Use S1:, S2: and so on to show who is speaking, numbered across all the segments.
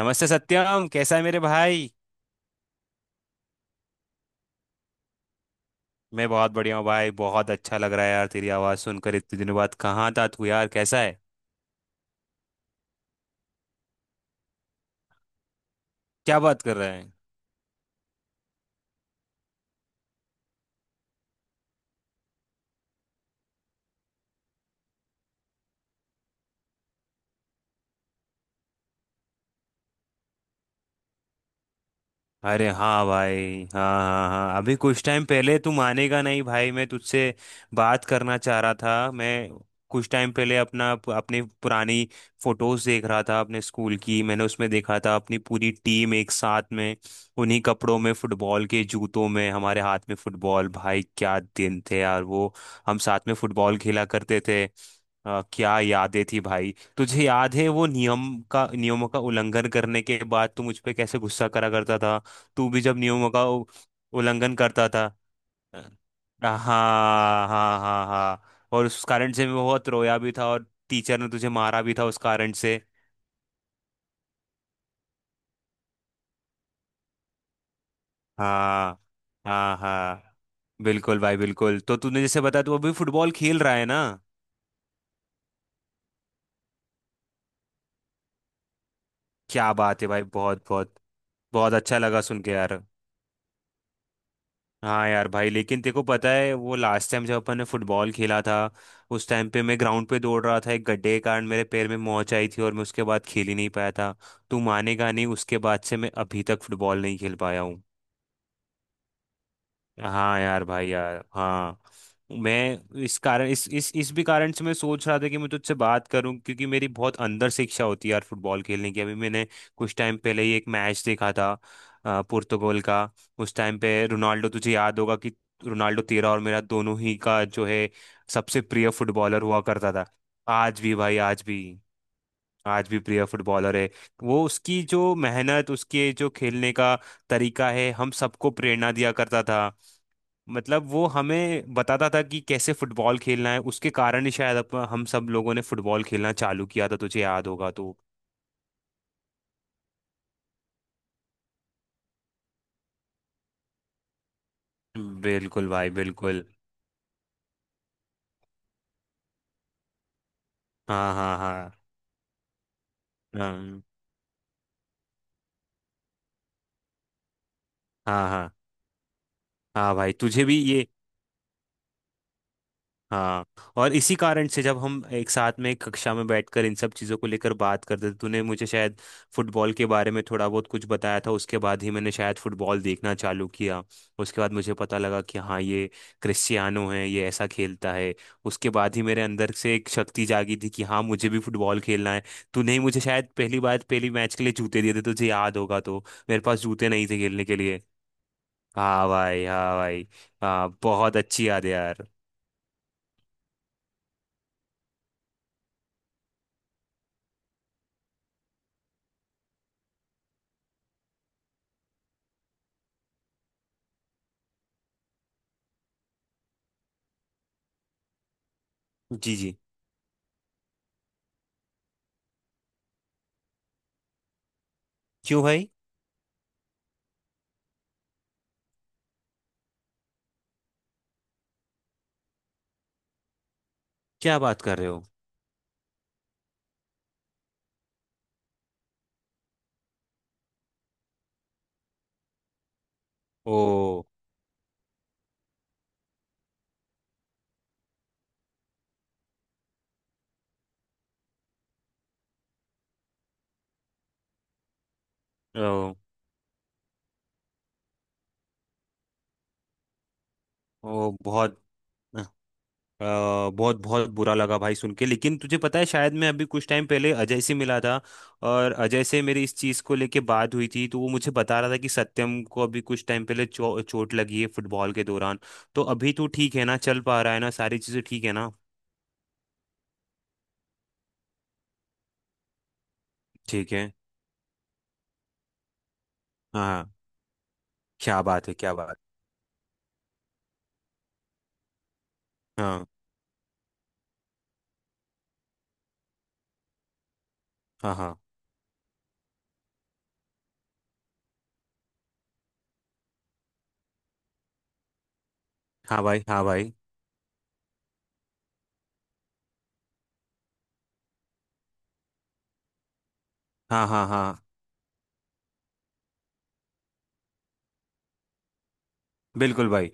S1: नमस्ते सत्यम, कैसा है मेरे भाई। मैं बहुत बढ़िया हूँ भाई। बहुत अच्छा लग रहा है यार तेरी आवाज़ सुनकर इतने दिनों बाद। कहाँ था तू यार, कैसा है, क्या बात कर रहा है। अरे हाँ भाई, हाँ, हाँ, हाँ, अभी कुछ टाइम पहले तू मानेगा नहीं भाई, मैं तुझसे बात करना चाह रहा था। मैं कुछ टाइम पहले अपना अपनी पुरानी फोटोज देख रहा था अपने स्कूल की। मैंने उसमें देखा था अपनी पूरी टीम एक साथ में, उन्हीं कपड़ों में, फुटबॉल के जूतों में, हमारे हाथ में फुटबॉल। भाई क्या दिन थे यार वो, हम साथ में फुटबॉल खेला करते थे। क्या यादें थी भाई। तुझे याद है वो नियमों का उल्लंघन करने के बाद तू मुझ पे कैसे गुस्सा करा करता था। तू भी जब उल्लंघन करता था। अ, हाँ हाँ हाँ हाँ, और उस कारण से मैं बहुत रोया भी था, और टीचर ने तुझे मारा भी था उस कारण से। हाँ, हाँ हाँ, बिल्कुल भाई बिल्कुल। तो तूने जैसे बताया तू अभी फुटबॉल खेल रहा है ना, क्या बात है भाई। बहुत बहुत बहुत अच्छा लगा सुन के यार। हाँ यार भाई, लेकिन तेको पता है वो लास्ट टाइम जब अपन ने फुटबॉल खेला था, उस टाइम पे मैं ग्राउंड पे दौड़ रहा था, एक गड्ढे के कारण मेरे पैर में मोच आई थी और मैं उसके बाद खेल ही नहीं पाया था। तू मानेगा नहीं, उसके बाद से मैं अभी तक फुटबॉल नहीं खेल पाया हूँ। हाँ यार भाई, यार हाँ। मैं इस कारण इस भी कारण से मैं सोच रहा था कि मैं तुझसे बात करूं, क्योंकि मेरी बहुत अंदर से इच्छा होती है यार फुटबॉल खेलने की। अभी मैंने कुछ टाइम पहले ही एक मैच देखा था, पुर्तगाल का। उस टाइम पे रोनाल्डो, तुझे याद होगा कि रोनाल्डो तेरा और मेरा दोनों ही का जो है सबसे प्रिय फुटबॉलर हुआ करता था। आज भी भाई आज भी, आज भी प्रिय फुटबॉलर है। वो उसकी जो मेहनत, उसके जो खेलने का तरीका है, हम सबको प्रेरणा दिया करता था। मतलब वो हमें बताता था कि कैसे फुटबॉल खेलना है। उसके कारण ही शायद हम सब लोगों ने फुटबॉल खेलना चालू किया था, तुझे याद होगा तो। बिल्कुल भाई बिल्कुल। हाँ हाँ हाँ, हाँ, हाँ हाँ। हाँ भाई तुझे भी ये, हाँ। और इसी कारण से जब हम एक साथ में एक कक्षा में बैठकर इन सब चीज़ों को लेकर बात करते थे, तूने मुझे शायद फुटबॉल के बारे में थोड़ा बहुत कुछ बताया था, उसके बाद ही मैंने शायद फुटबॉल देखना चालू किया। उसके बाद मुझे पता लगा कि हाँ ये क्रिस्टियानो है, ये ऐसा खेलता है। उसके बाद ही मेरे अंदर से एक शक्ति जागी थी कि हाँ, मुझे भी फुटबॉल खेलना है। तूने ही मुझे शायद पहली बार पहली मैच के लिए जूते दिए थे, तुझे याद होगा तो। मेरे पास जूते नहीं थे खेलने के लिए। हाँ भाई हाँ भाई, हाँ, बहुत अच्छी याद है यार। जी जी। क्यों भाई, क्या बात कर रहे हो। ओ, ओ, ओ। बहुत अ, बहुत बहुत बुरा लगा भाई सुन के। लेकिन तुझे पता है शायद, मैं अभी कुछ टाइम पहले अजय से मिला था, और अजय से मेरी इस चीज़ को लेके बात हुई थी, तो वो मुझे बता रहा था कि सत्यम को अभी कुछ टाइम पहले चोट लगी है फुटबॉल के दौरान। तो अभी तो ठीक है ना, चल पा रहा है ना, सारी चीज़ें ठीक है ना। ठीक है। हाँ हाँ, क्या बात है, क्या बात। हाँ हाँ हाँ, हाँ भाई हाँ भाई। हाँ हाँ हाँ। बिल्कुल भाई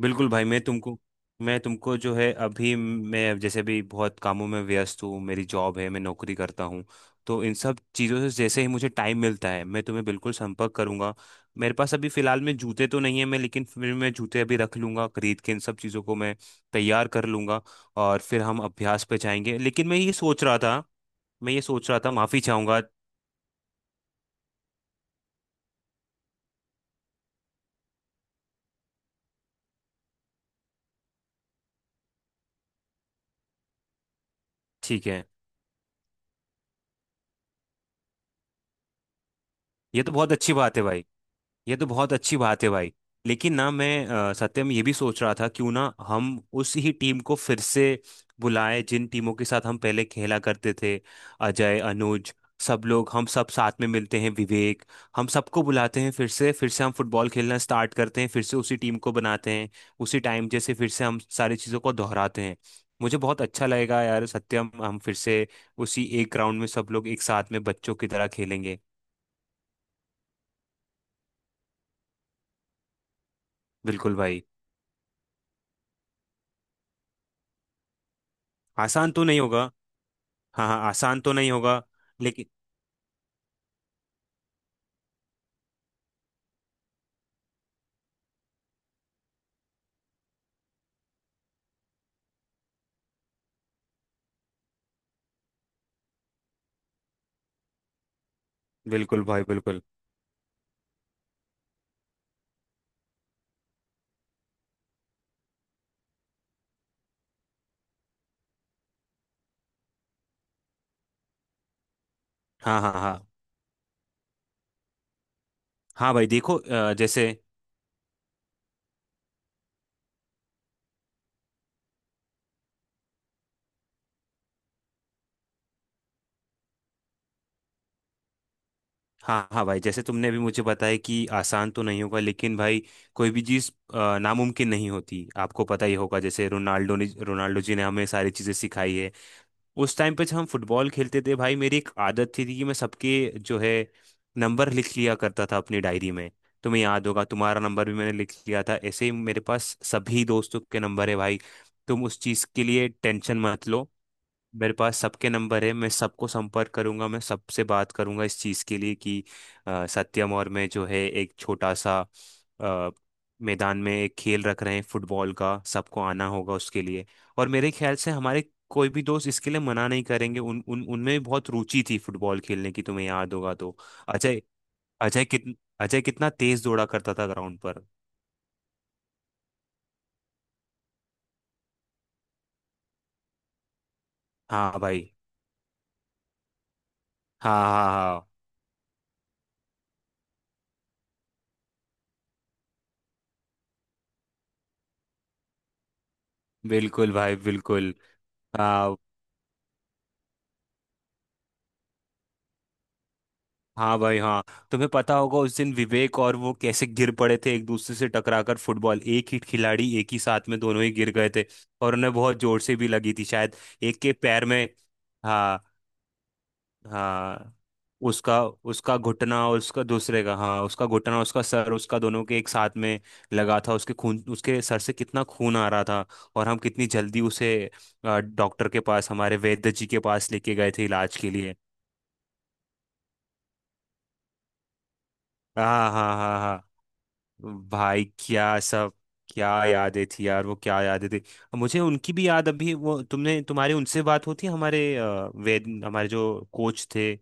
S1: बिल्कुल। भाई मैं तुमको, जो है, अभी मैं जैसे भी बहुत कामों में व्यस्त हूँ, मेरी जॉब है, मैं नौकरी करता हूँ। तो इन सब चीज़ों से जैसे ही मुझे टाइम मिलता है मैं तुम्हें बिल्कुल संपर्क करूंगा। मेरे पास अभी फ़िलहाल में जूते तो नहीं है मैं, लेकिन फिर मैं जूते अभी रख लूंगा खरीद के, इन सब चीज़ों को मैं तैयार कर लूंगा, और फिर हम अभ्यास पे जाएंगे। लेकिन मैं ये सोच रहा था, माफ़ी चाहूंगा। ठीक है। ये तो बहुत अच्छी बात है भाई, ये तो बहुत अच्छी बात है भाई। लेकिन ना मैं सत्यम ये भी सोच रहा था, क्यों ना हम उस ही टीम को फिर से बुलाएं जिन टीमों के साथ हम पहले खेला करते थे। अजय, अनुज, सब लोग, हम सब साथ में मिलते हैं, विवेक, हम सबको बुलाते हैं। फिर से, फिर से हम फुटबॉल खेलना स्टार्ट करते हैं, फिर से उसी टीम को बनाते हैं, उसी टाइम जैसे फिर से हम सारी चीज़ों को दोहराते हैं। मुझे बहुत अच्छा लगेगा यार सत्यम, हम फिर से उसी एक ग्राउंड में सब लोग एक साथ में बच्चों की तरह खेलेंगे। बिल्कुल भाई, आसान तो नहीं होगा। हाँ हाँ आसान तो नहीं होगा, लेकिन बिल्कुल भाई बिल्कुल। हाँ हाँ हाँ। हाँ भाई देखो, जैसे, हाँ हाँ भाई, जैसे तुमने अभी मुझे बताया कि आसान तो नहीं होगा, लेकिन भाई कोई भी चीज़ नामुमकिन नहीं होती, आपको पता ही होगा, जैसे रोनाल्डो जी ने हमें सारी चीज़ें सिखाई है। उस टाइम पे जब हम फुटबॉल खेलते थे भाई, मेरी एक आदत थी कि मैं सबके जो है नंबर लिख लिया करता था अपनी डायरी में। तुम्हें याद होगा, तुम्हारा नंबर भी मैंने लिख लिया था। ऐसे ही मेरे पास सभी दोस्तों के नंबर है भाई, तुम उस चीज़ के लिए टेंशन मत लो। मेरे पास सबके नंबर है, मैं सबको संपर्क करूंगा, मैं सबसे बात करूंगा इस चीज़ के लिए कि सत्यम और मैं जो है एक छोटा सा अ, मैदान में एक खेल रख रहे हैं फुटबॉल का, सबको आना होगा उसके लिए। और मेरे ख्याल से हमारे कोई भी दोस्त इसके लिए मना नहीं करेंगे, उन उन उनमें भी बहुत रुचि थी फुटबॉल खेलने की, तुम्हें याद होगा तो। अजय, अजय कित अजय कितना तेज दौड़ा करता था ग्राउंड पर। हाँ भाई, हाँ हाँ हाँ। बिल्कुल भाई बिल्कुल। हाँ हाँ भाई हाँ। तुम्हें पता होगा उस दिन विवेक और वो कैसे गिर पड़े थे एक दूसरे से टकराकर, फुटबॉल एक ही खिलाड़ी, एक ही साथ में दोनों ही गिर गए थे, और उन्हें बहुत जोर से भी लगी थी शायद, एक के पैर में। हाँ, हाँ, उसका उसका घुटना और उसका दूसरे का, हाँ उसका घुटना, उसका सर, उसका दोनों के एक साथ में लगा था। उसके खून, उसके सर से कितना खून आ रहा था, और हम कितनी जल्दी उसे डॉक्टर के पास, हमारे वैद्य जी के पास लेके गए थे इलाज के लिए। हाँ हाँ हाँ हाँ। भाई क्या सब, क्या यादें थी यार वो, क्या यादें थी। अब मुझे उनकी भी याद अभी वो, तुमने तुम्हारी उनसे बात होती है हमारे वेद, हमारे जो कोच थे,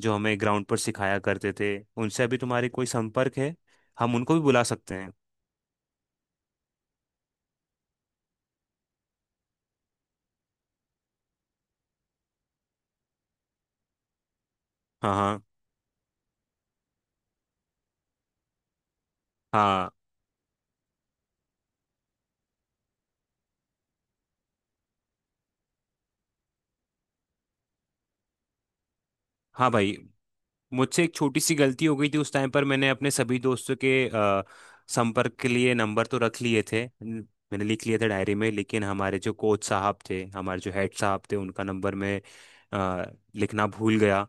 S1: जो हमें ग्राउंड पर सिखाया करते थे, उनसे अभी तुम्हारी कोई संपर्क है। हम उनको भी बुला सकते हैं। हाँ, हाँ हाँ हाँ भाई। मुझसे एक छोटी सी गलती हो गई थी उस टाइम पर। मैंने अपने सभी दोस्तों के संपर्क के लिए नंबर तो रख लिए थे मैंने लिख लिए थे डायरी में, लेकिन हमारे जो कोच साहब थे, हमारे जो हेड साहब थे, उनका नंबर मैं अ, लिखना भूल गया।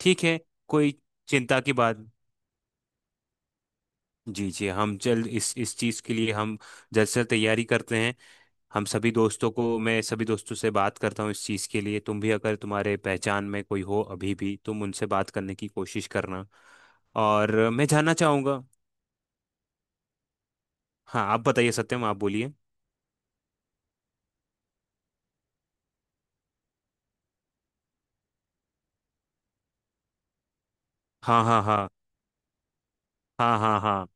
S1: ठीक है, कोई चिंता की बात। जी जी, हम जल्द इस चीज़ के लिए हम जल्द से जल्द तैयारी करते हैं। हम सभी दोस्तों को मैं सभी दोस्तों से बात करता हूँ इस चीज़ के लिए। तुम भी अगर तुम्हारे पहचान में कोई हो अभी भी, तुम उनसे बात करने की कोशिश करना। और मैं जानना चाहूँगा, हाँ आप बताइए सत्यम, आप बोलिए। हाँ हाँ हाँ, हाँ हाँ हाँ।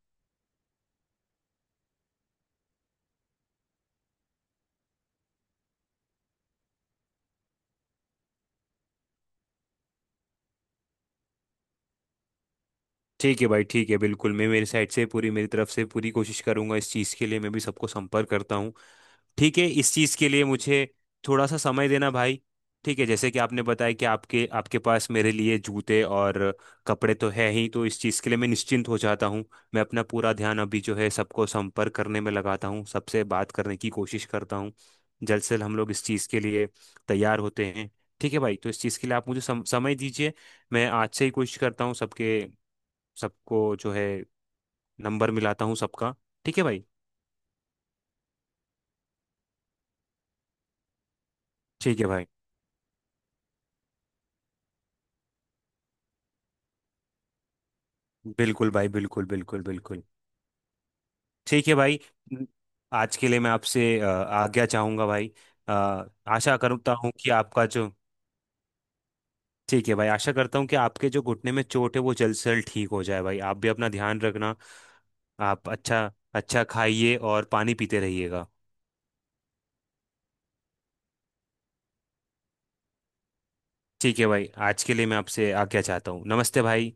S1: ठीक है भाई ठीक है, बिल्कुल। मैं मेरी साइड से पूरी मेरी तरफ से पूरी कोशिश करूंगा इस चीज़ के लिए, मैं भी सबको संपर्क करता हूँ। ठीक है, इस चीज़ के लिए मुझे थोड़ा सा समय देना भाई। ठीक है जैसे कि आपने बताया कि आपके आपके पास मेरे लिए जूते और कपड़े तो है ही, तो इस चीज़ के लिए मैं निश्चिंत हो जाता हूँ। मैं अपना पूरा ध्यान अभी जो है सबको संपर्क करने में लगाता हूँ, सबसे बात करने की कोशिश करता हूँ। जल्द से जल्द हम लोग इस चीज़ के लिए तैयार होते हैं। ठीक है भाई, तो इस चीज़ के लिए आप मुझे समय दीजिए। मैं आज से ही कोशिश करता हूँ सबके सबको जो है नंबर मिलाता हूँ सबका। ठीक है भाई, ठीक है भाई। बिल्कुल भाई बिल्कुल, बिल्कुल बिल्कुल। ठीक है भाई, आज के लिए मैं आपसे आज्ञा चाहूंगा भाई। अ, आशा करता हूँ कि आपका जो, ठीक है भाई आशा करता हूँ कि आपके जो घुटने में चोट है वो जल्द से जल्द ठीक हो जाए भाई, आप भी अपना ध्यान रखना। आप अच्छा अच्छा खाइए और पानी पीते रहिएगा। ठीक है भाई, आज के लिए मैं आपसे आज्ञा चाहता हूँ। नमस्ते भाई।